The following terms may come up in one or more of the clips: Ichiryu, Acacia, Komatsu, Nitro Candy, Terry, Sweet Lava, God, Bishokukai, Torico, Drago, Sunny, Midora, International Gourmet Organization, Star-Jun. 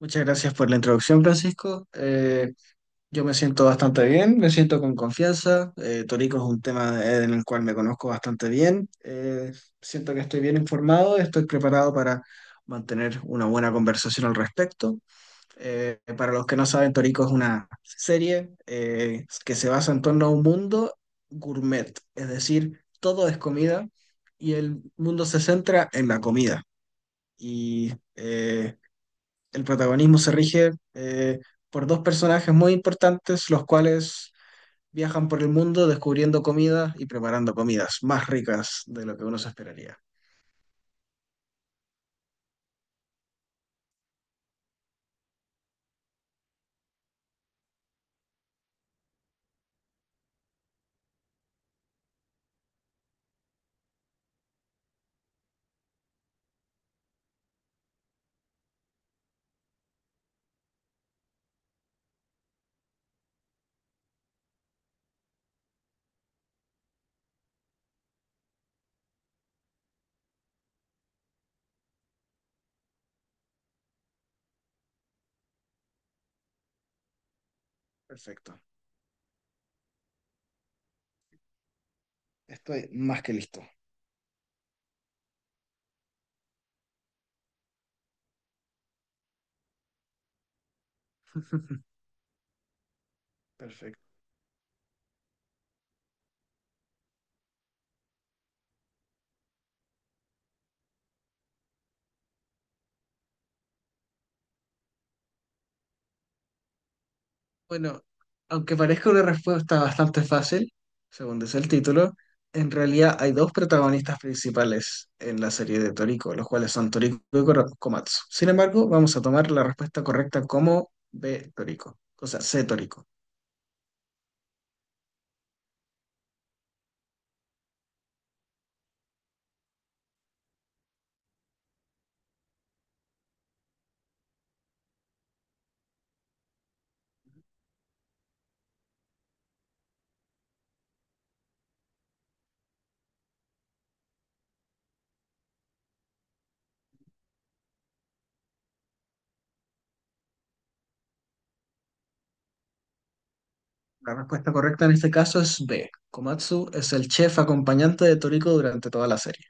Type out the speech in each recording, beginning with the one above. Muchas gracias por la introducción, Francisco. Yo me siento bastante bien, me siento con confianza. Torico es un tema en el cual me conozco bastante bien. Siento que estoy bien informado, estoy preparado para mantener una buena conversación al respecto. Para los que no saben, Torico es una serie que se basa en torno a un mundo gourmet, es decir, todo es comida y el mundo se centra en la comida. Y el protagonismo se rige por dos personajes muy importantes, los cuales viajan por el mundo descubriendo comida y preparando comidas más ricas de lo que uno se esperaría. Perfecto. Estoy más que listo. Perfecto. Bueno, aunque parezca una respuesta bastante fácil, según dice el título, en realidad hay dos protagonistas principales en la serie de Toriko, los cuales son Toriko y Komatsu. Sin embargo, vamos a tomar la respuesta correcta como B Toriko, o sea, C Toriko. La respuesta correcta en este caso es B. Komatsu es el chef acompañante de Toriko durante toda la serie.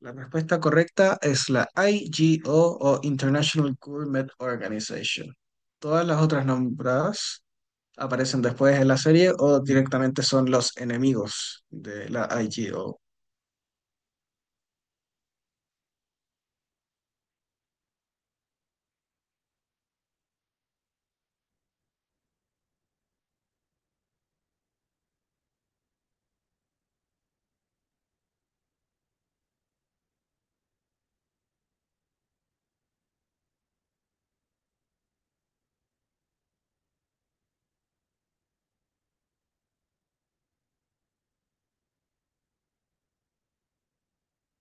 La respuesta correcta es la IGO o International Gourmet Organization. Todas las otras nombradas aparecen después en la serie o directamente son los enemigos de la IGO.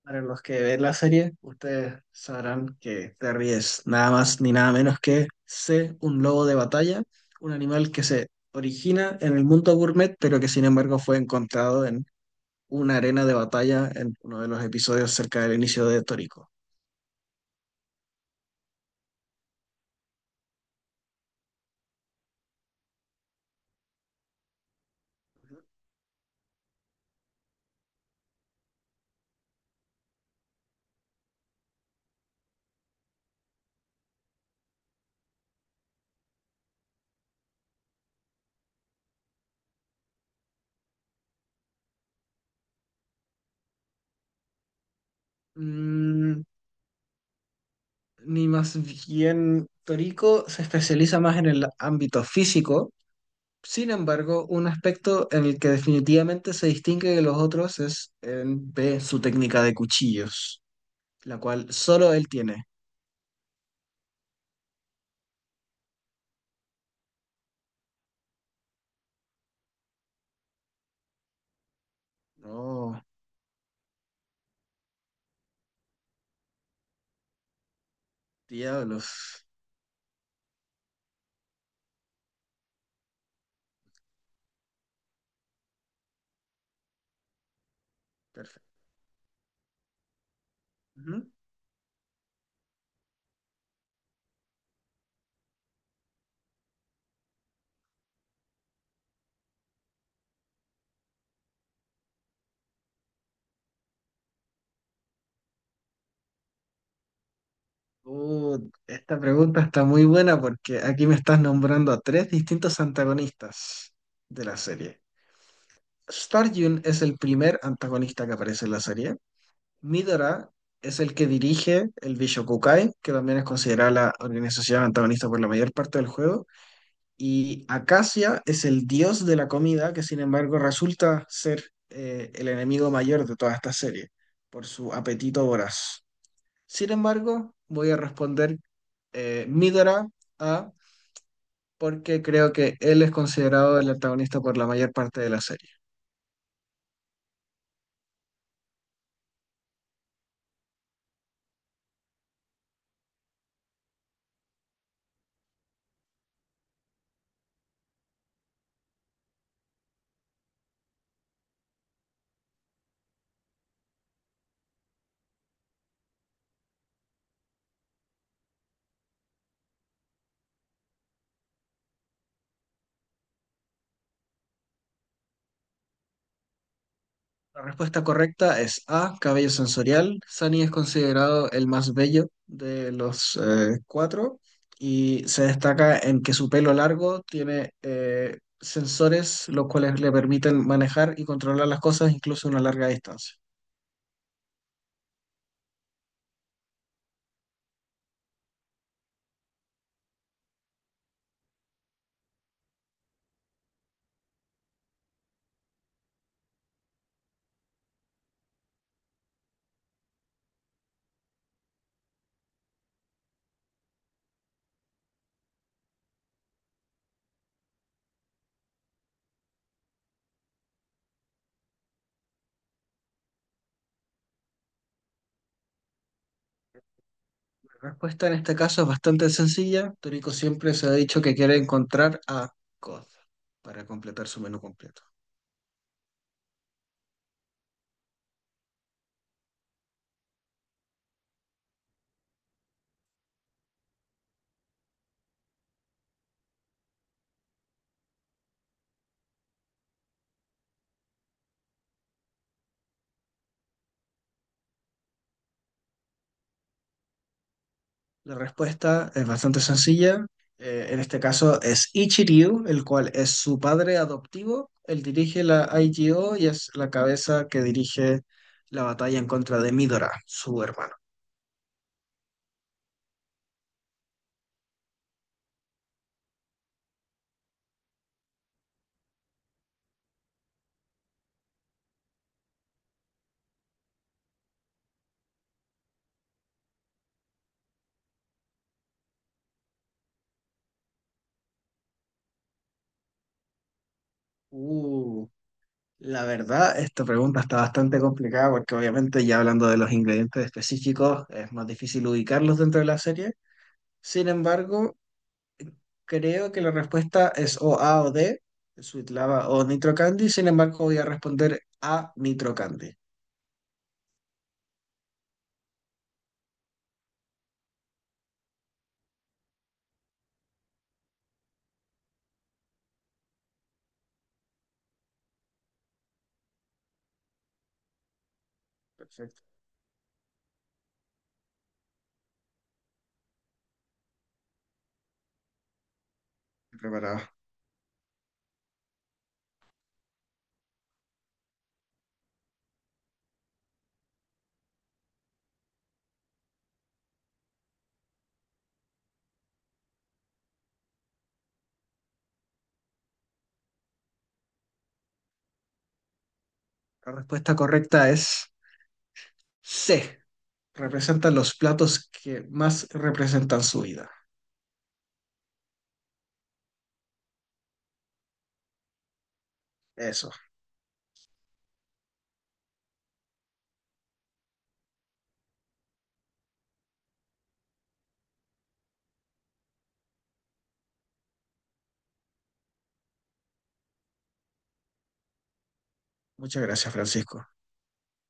Para los que ven la serie, ustedes sabrán que Terry es nada más ni nada menos que C, un lobo de batalla, un animal que se origina en el mundo gourmet, pero que sin embargo fue encontrado en una arena de batalla en uno de los episodios cerca del inicio de Toriko. Mm, ni más bien, Toriko se especializa más en el ámbito físico, sin embargo, un aspecto en el que definitivamente se distingue de los otros es en B, su técnica de cuchillos, la cual solo él tiene. Oh, diablos. Perfecto. Ujú. Esta pregunta está muy buena porque aquí me estás nombrando a tres distintos antagonistas de la serie. Star-Jun es el primer antagonista que aparece en la serie. Midora es el que dirige el Bishokukai, que también es considerada la organización antagonista por la mayor parte del juego. Y Acacia es el dios de la comida, que sin embargo resulta ser el enemigo mayor de toda esta serie, por su apetito voraz. Sin embargo, voy a responder Midora A, porque creo que él es considerado el antagonista por la mayor parte de la serie. La respuesta correcta es A, cabello sensorial. Sunny es considerado el más bello de los cuatro y se destaca en que su pelo largo tiene sensores los cuales le permiten manejar y controlar las cosas incluso a una larga distancia. La respuesta en este caso es bastante sencilla. Toriko siempre se ha dicho que quiere encontrar a God para completar su menú completo. La respuesta es bastante sencilla. En este caso es Ichiryu, el cual es su padre adoptivo. Él dirige la IGO y es la cabeza que dirige la batalla en contra de Midora, su hermano. Uh, la verdad, esta pregunta está bastante complicada porque obviamente ya hablando de los ingredientes específicos es más difícil ubicarlos dentro de la serie. Sin embargo, creo que la respuesta es o A o D, Sweet Lava o Nitro Candy. Sin embargo, voy a responder a Nitro Candy. Perfecto, estoy preparado. La respuesta correcta es C. Representan los platos que más representan su vida. Eso. Muchas gracias, Francisco.